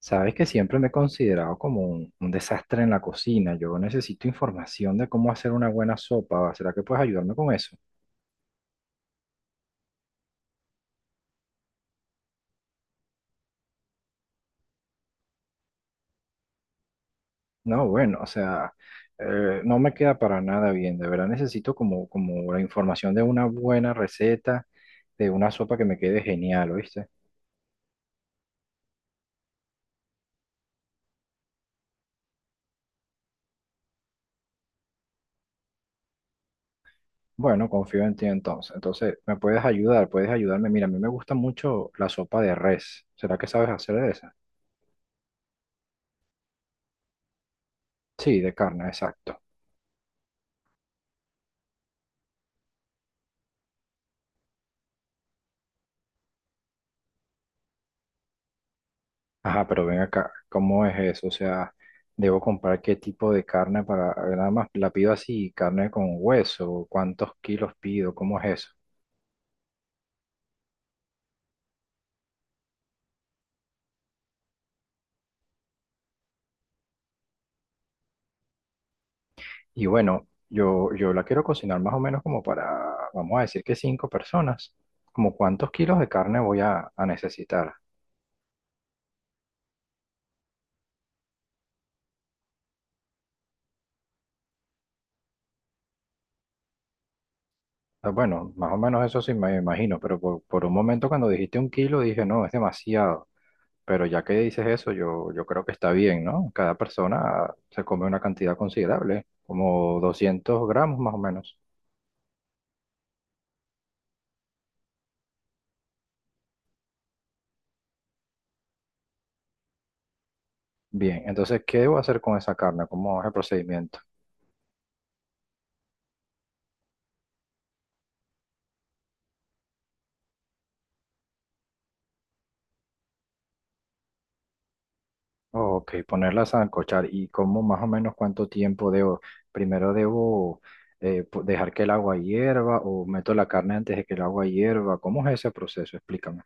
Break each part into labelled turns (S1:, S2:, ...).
S1: Sabes que siempre me he considerado como un desastre en la cocina. Yo necesito información de cómo hacer una buena sopa. ¿Será que puedes ayudarme con eso? No, bueno, o sea, no me queda para nada bien. De verdad necesito como la información de una buena receta, de una sopa que me quede genial, ¿oíste? Bueno, confío en ti entonces. Entonces, ¿me puedes ayudar? ¿Puedes ayudarme? Mira, a mí me gusta mucho la sopa de res. ¿Será que sabes hacer de esa? Sí, de carne, exacto. Ajá, pero ven acá, ¿cómo es eso? O sea, ¿debo comprar qué tipo de carne para, nada más la pido así, carne con hueso, cuántos kilos pido, cómo es eso? Y bueno, yo la quiero cocinar más o menos como para, vamos a decir que cinco personas, como cuántos kilos de carne voy a necesitar. Ah, bueno, más o menos eso sí me imagino, pero por un momento cuando dijiste un kilo dije, no, es demasiado. Pero ya que dices eso, yo creo que está bien, ¿no? Cada persona se come una cantidad considerable, como 200 gramos más o menos. Bien, entonces, ¿qué debo hacer con esa carne? ¿Cómo es el procedimiento? Ok, ponerla a sancochar y cómo más o menos cuánto tiempo debo. Primero debo dejar que el agua hierva o meto la carne antes de que el agua hierva. ¿Cómo es ese proceso? Explícame.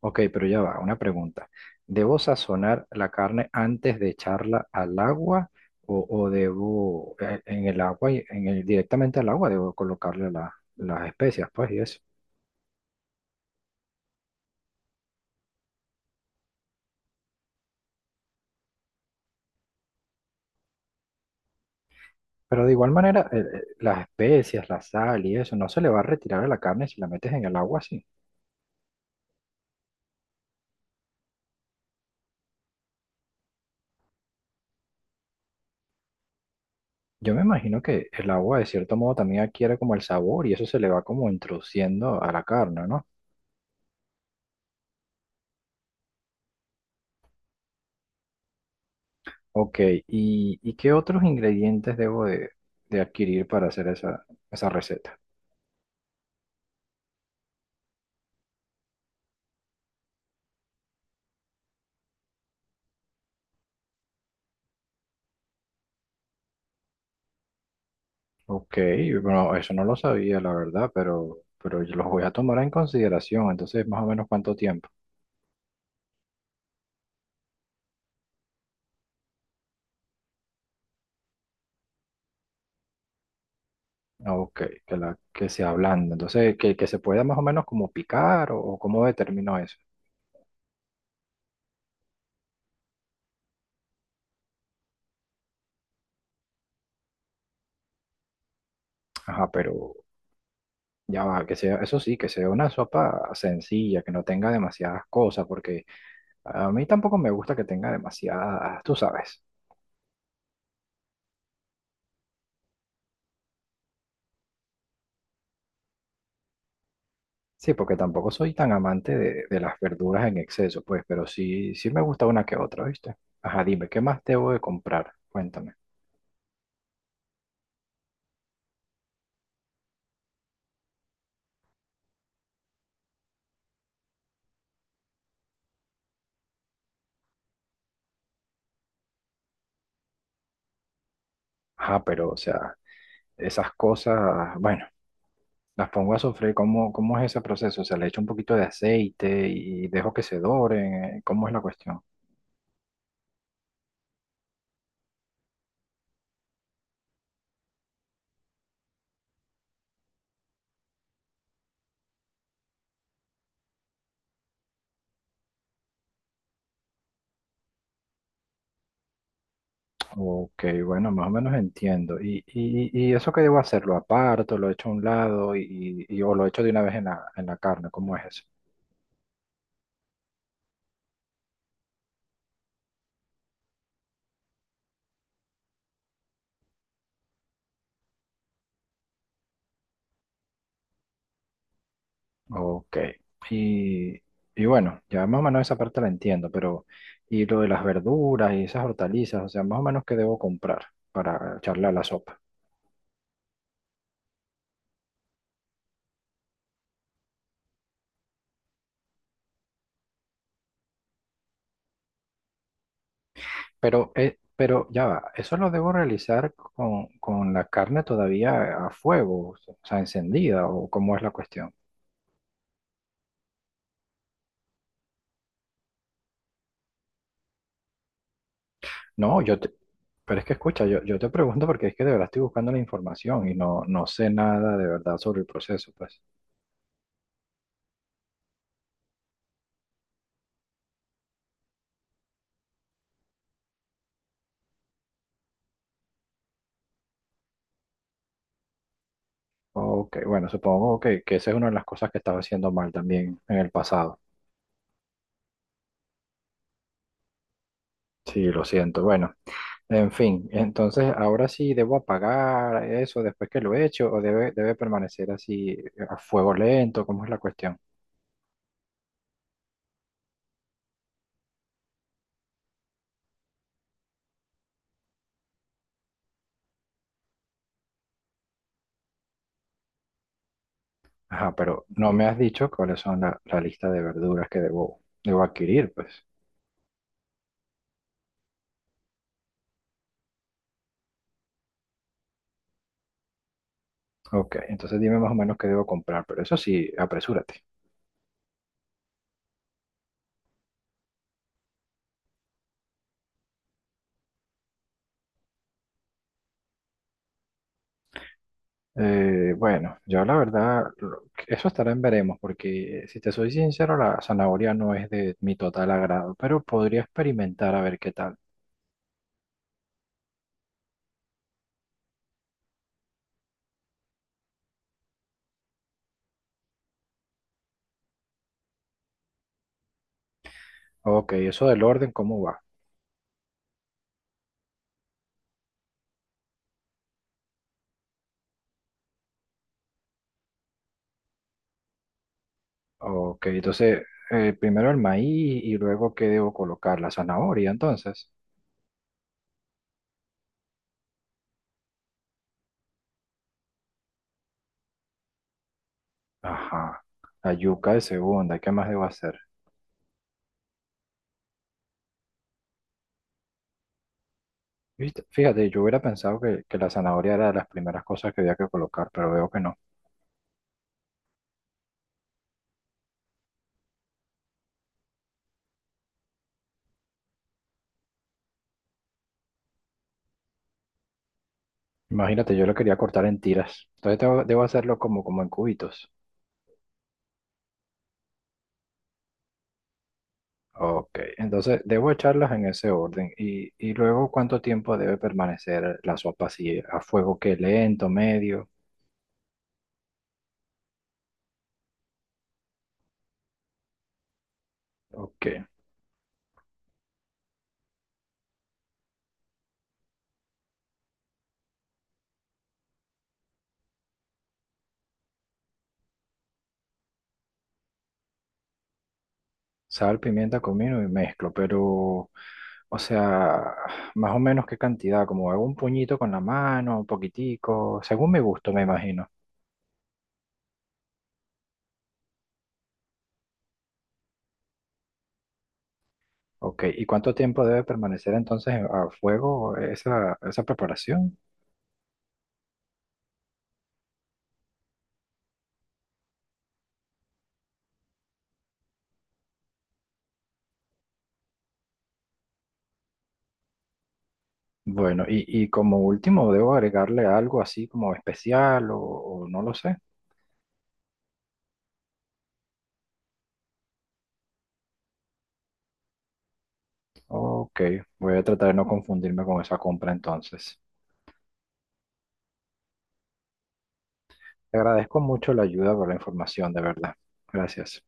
S1: Ok, pero ya va, una pregunta. ¿Debo sazonar la carne antes de echarla al agua o debo en el agua, directamente al agua, debo colocarle las especias, pues, y eso? Pero de igual manera, las especias, la sal y eso, no se le va a retirar a la carne si la metes en el agua así. Yo me imagino que el agua de cierto modo también adquiere como el sabor y eso se le va como introduciendo a la carne, ¿no? Ok, ¿y qué otros ingredientes debo de adquirir para hacer esa receta? Ok, bueno, eso no lo sabía, la verdad, pero yo los voy a tomar en consideración. Entonces, más o menos cuánto tiempo. Ah, ok, que se ablanda. Entonces, que se pueda más o menos como picar o cómo determino eso. Ajá, pero ya va, que sea, eso sí, que sea una sopa sencilla, que no tenga demasiadas cosas, porque a mí tampoco me gusta que tenga demasiadas, tú sabes. Sí, porque tampoco soy tan amante de las verduras en exceso, pues, pero sí me gusta una que otra, ¿viste? Ajá, dime, ¿qué más debo de comprar? Cuéntame. Ajá, pero, o sea, esas cosas, bueno, las pongo a sofreír. ¿Cómo es ese proceso? O sea, le echo un poquito de aceite y dejo que se doren. ¿Cómo es la cuestión? Ok, bueno, más o menos entiendo. ¿Y eso que debo hacer? ¿Lo aparto, lo echo a un lado o lo echo de una vez en la carne? ¿Cómo es eso? Ok. Y, y bueno, ya más o menos esa parte la entiendo, pero ¿y lo de las verduras y esas hortalizas? O sea, más o menos qué debo comprar para echarle a la sopa. Pero ya va, eso lo debo realizar con la carne todavía a fuego, o sea, encendida, o cómo es la cuestión. No, pero es que escucha, yo te pregunto porque es que de verdad estoy buscando la información y no sé nada de verdad sobre el proceso, pues. Ok, bueno, supongo que esa es una de las cosas que estaba haciendo mal también en el pasado. Sí, lo siento. Bueno, en fin, entonces ahora sí debo apagar eso después que lo he hecho o debe permanecer así a fuego lento, ¿cómo es la cuestión? Ajá, pero no me has dicho cuáles son la lista de verduras que debo adquirir, pues. Ok, entonces dime más o menos qué debo comprar, pero eso sí, apresúrate. Bueno, yo la verdad, eso estará en veremos, porque si te soy sincero, la zanahoria no es de mi total agrado, pero podría experimentar a ver qué tal. Ok, eso del orden, ¿cómo va? Ok, entonces, primero el maíz y luego qué debo colocar, la zanahoria, entonces. Ajá, la yuca de segunda, ¿qué más debo hacer? Viste, fíjate, yo hubiera pensado que la zanahoria era de las primeras cosas que había que colocar, pero veo que no. Imagínate, yo lo quería cortar en tiras. Entonces debo hacerlo como en cubitos. Ok, entonces debo echarlas en ese orden. Y luego, ¿cuánto tiempo debe permanecer la sopa así? ¿A fuego que lento, medio? Ok, sal, pimienta, comino y mezclo, pero, o sea, más o menos qué cantidad, como hago un puñito con la mano, un poquitico, según mi gusto, me imagino. Ok, ¿y cuánto tiempo debe permanecer entonces a fuego esa preparación? Bueno, y como último, ¿debo agregarle algo así como especial o no lo sé? Ok, voy a tratar de no confundirme con esa compra entonces. Te agradezco mucho la ayuda por la información, de verdad. Gracias.